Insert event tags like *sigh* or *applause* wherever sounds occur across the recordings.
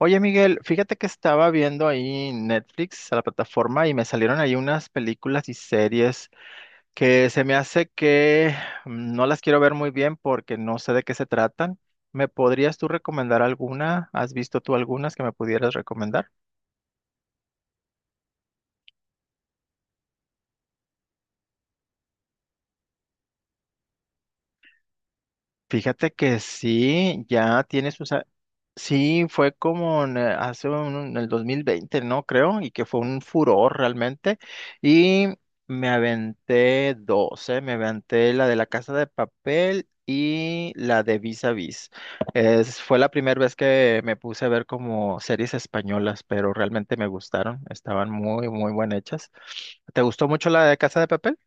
Oye, Miguel, fíjate que estaba viendo ahí Netflix, a la plataforma, y me salieron ahí unas películas y series que se me hace que no las quiero ver muy bien porque no sé de qué se tratan. ¿Me podrías tú recomendar alguna? ¿Has visto tú algunas que me pudieras recomendar? Fíjate que sí, ya tiene sus, sí, fue como en el 2020, ¿no? Creo, y que fue un furor realmente. Y me aventé dos, ¿eh? Me aventé la de La Casa de Papel y la de Vis a Vis. Fue la primera vez que me puse a ver como series españolas, pero realmente me gustaron. Estaban muy, muy bien hechas. ¿Te gustó mucho la de Casa de Papel?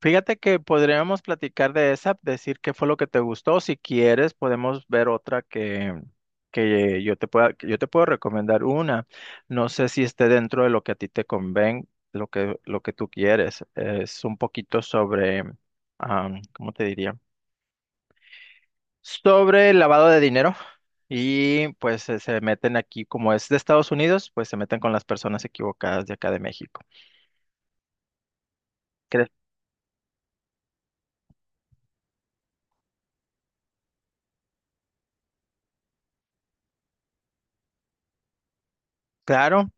Fíjate que podríamos platicar de esa, decir qué fue lo que te gustó. Si quieres, podemos ver otra que, que yo te puedo recomendar una. No sé si esté dentro de lo que a ti te conven, lo que tú quieres. Es un poquito sobre, ¿cómo te diría? Sobre el lavado de dinero. Y se meten aquí, como es de Estados Unidos, pues se meten con las personas equivocadas de acá de México. ¿Crees? Claro.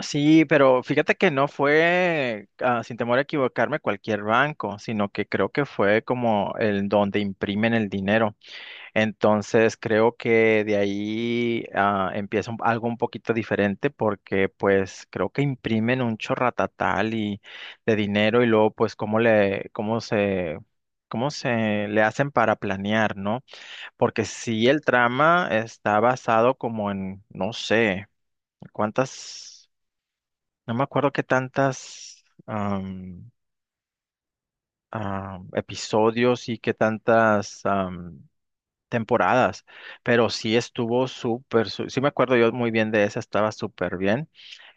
Sí, pero fíjate que no fue, sin temor a equivocarme, cualquier banco, sino que creo que fue como el donde imprimen el dinero. Entonces creo que de ahí empieza algo un poquito diferente porque pues creo que imprimen un chorratatal y de dinero y luego cómo se le hacen para planear, ¿no? Porque si el trama está basado como en, no sé, cuántas, no me acuerdo qué tantas episodios y qué tantas temporadas, pero sí estuvo sí me acuerdo yo muy bien de esa, estaba súper bien.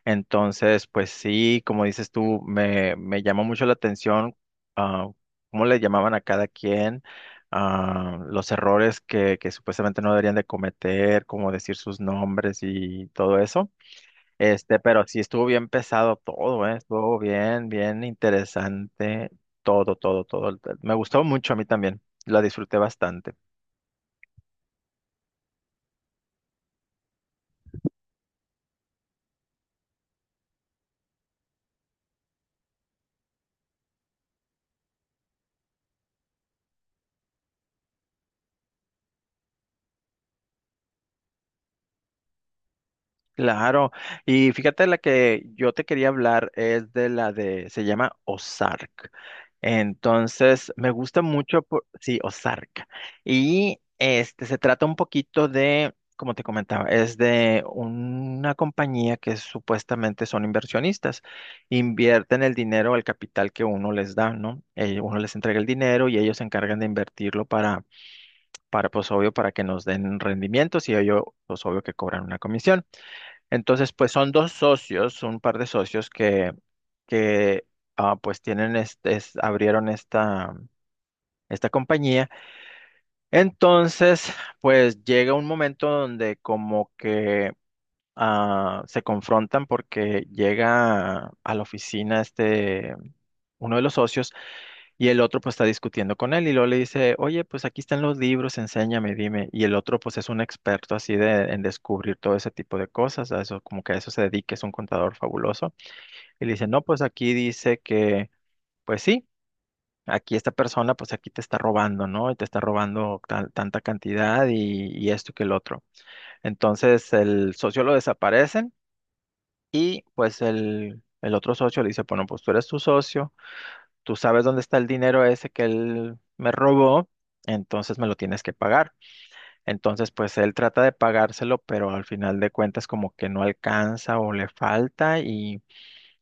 Entonces, pues sí, como dices tú, me llamó mucho la atención ah, cómo le llamaban a cada quien, los errores que supuestamente no deberían de cometer, como decir sus nombres y todo eso. Este, pero sí estuvo bien pesado todo, ¿eh? Estuvo bien, bien interesante. Todo, todo, todo. Me gustó mucho a mí también. La disfruté bastante. Claro, y fíjate la que yo te quería hablar es de se llama Ozark. Entonces, me gusta mucho, sí, Ozark. Y este se trata un poquito de, como te comentaba, es de una compañía que supuestamente son inversionistas. Invierten el dinero, el capital que uno les da, ¿no? Uno les entrega el dinero y ellos se encargan de invertirlo para, pues obvio, para que nos den rendimientos y ellos, pues obvio, que cobran una comisión. Entonces, pues son dos socios, un par de socios que pues tienen este, abrieron esta compañía. Entonces, pues llega un momento donde como que se confrontan porque llega a la oficina este, uno de los socios y el otro pues está discutiendo con él y luego le dice, oye, pues aquí están los libros, enséñame, dime. Y el otro pues es un experto así de, en descubrir todo ese tipo de cosas, a eso, como que a eso se dedica, es un contador fabuloso. Y le dice, no, pues aquí dice que, pues sí. Aquí esta persona, pues aquí te está robando, ¿no? Y te está robando tanta cantidad y esto que el otro. Entonces el socio lo desaparece y pues el otro socio le dice, bueno, pues tú eres tu socio, tú sabes dónde está el dinero ese que él me robó, entonces me lo tienes que pagar. Entonces pues él trata de pagárselo, pero al final de cuentas como que no alcanza o le falta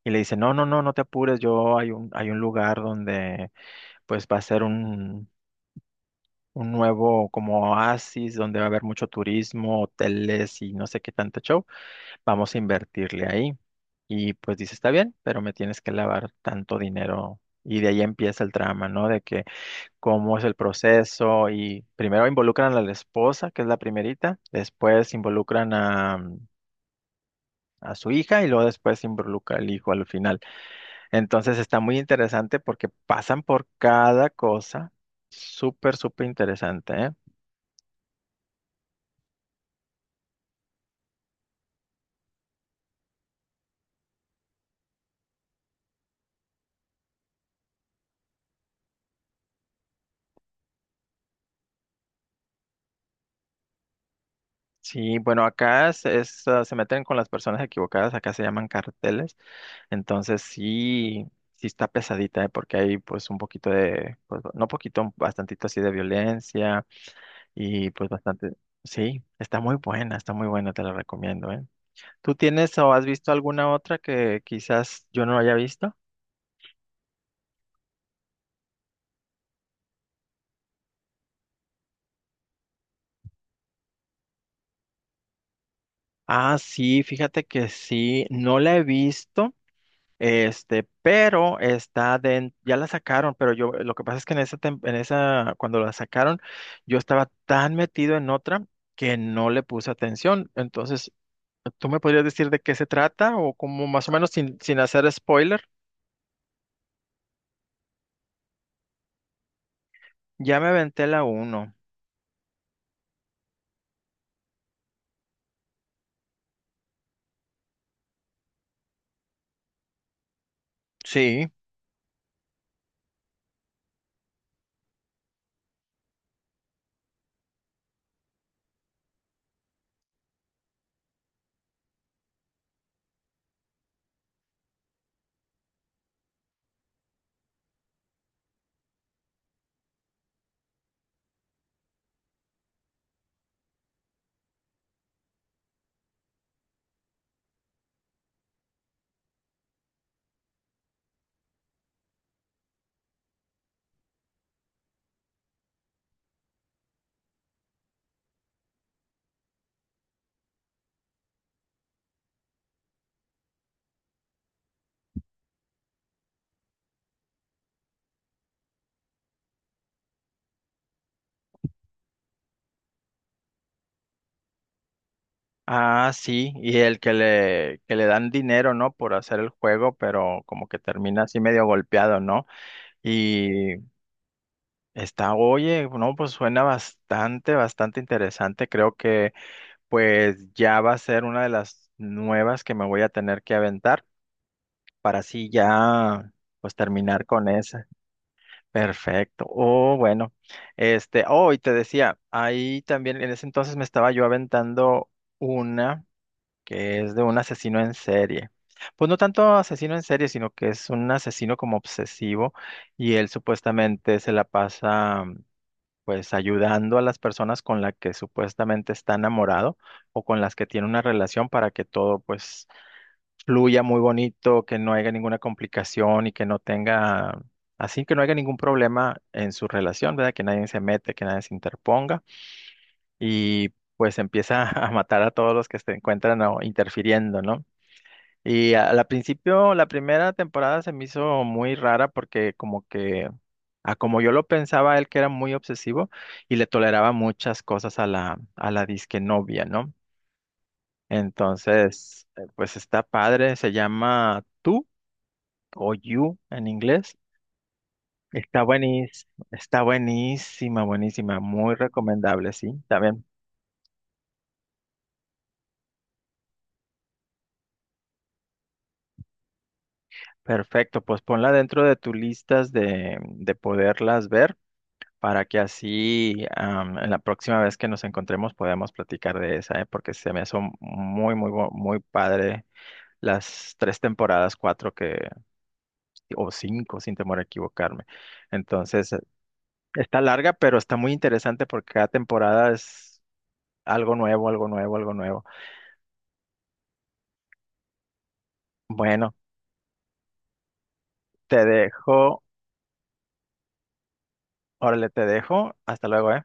y le dice, no, no, no, no te apures, yo hay un lugar donde pues va a ser un nuevo como oasis donde va a haber mucho turismo, hoteles y no sé qué tanto show, vamos a invertirle ahí. Y pues dice, está bien, pero me tienes que lavar tanto dinero. Y de ahí empieza el trama, ¿no? De que cómo es el proceso. Y primero involucran a la esposa, que es la primerita, después involucran a su hija y luego después involucra al hijo al final. Entonces está muy interesante porque pasan por cada cosa. Súper, súper interesante, ¿eh? Sí, bueno, acá se meten con las personas equivocadas, acá se llaman carteles, entonces sí, sí está pesadita, ¿eh? Porque hay pues un poquito de, pues, no poquito, un bastantito así de violencia y pues bastante, sí, está muy buena, te la recomiendo, ¿eh? ¿Tú tienes o has visto alguna otra que quizás yo no haya visto? Ah, sí, fíjate que sí, no la he visto. Este, pero está ya la sacaron, pero yo, lo que pasa es que en en esa, cuando la sacaron, yo estaba tan metido en otra que no le puse atención. Entonces, ¿tú me podrías decir de qué se trata? O como más o menos sin hacer spoiler, ya me aventé la uno. Sí. Ah, sí, y el que le dan dinero, ¿no? Por hacer el juego, pero como que termina así medio golpeado, ¿no? Y está, oye, no, pues suena bastante, bastante interesante. Creo que pues ya va a ser una de las nuevas que me voy a tener que aventar para así ya pues terminar con esa. Perfecto. Oh, bueno. Este, oh, y te decía, ahí también en ese entonces me estaba yo aventando una que es de un asesino en serie. Pues no tanto asesino en serie, sino que es un asesino como obsesivo y él supuestamente se la pasa pues ayudando a las personas con las que supuestamente está enamorado o con las que tiene una relación para que todo pues fluya muy bonito, que no haya ninguna complicación y que no tenga, así que no haya ningún problema en su relación, ¿verdad? Que nadie se mete, que nadie se interponga y pues empieza *laughs* a matar a todos los que se encuentran o interfiriendo, ¿no? Y al principio, la primera temporada se me hizo muy rara porque como que, a como yo lo pensaba, él que era muy obsesivo y le toleraba muchas cosas a a la disque novia, ¿no? Entonces, pues está padre, se llama Tú o You en inglés. Está buenísima, buenísima, muy recomendable, sí, también. Perfecto, pues ponla dentro de tus listas de poderlas ver, para que así en la próxima vez que nos encontremos podamos platicar de esa, ¿eh? Porque se me hizo muy padre las 3 temporadas, 4 que, o 5, sin temor a equivocarme. Entonces, está larga, pero está muy interesante porque cada temporada es algo nuevo, algo nuevo, algo nuevo. Bueno, te dejo, órale, te dejo. Hasta luego, ¿eh?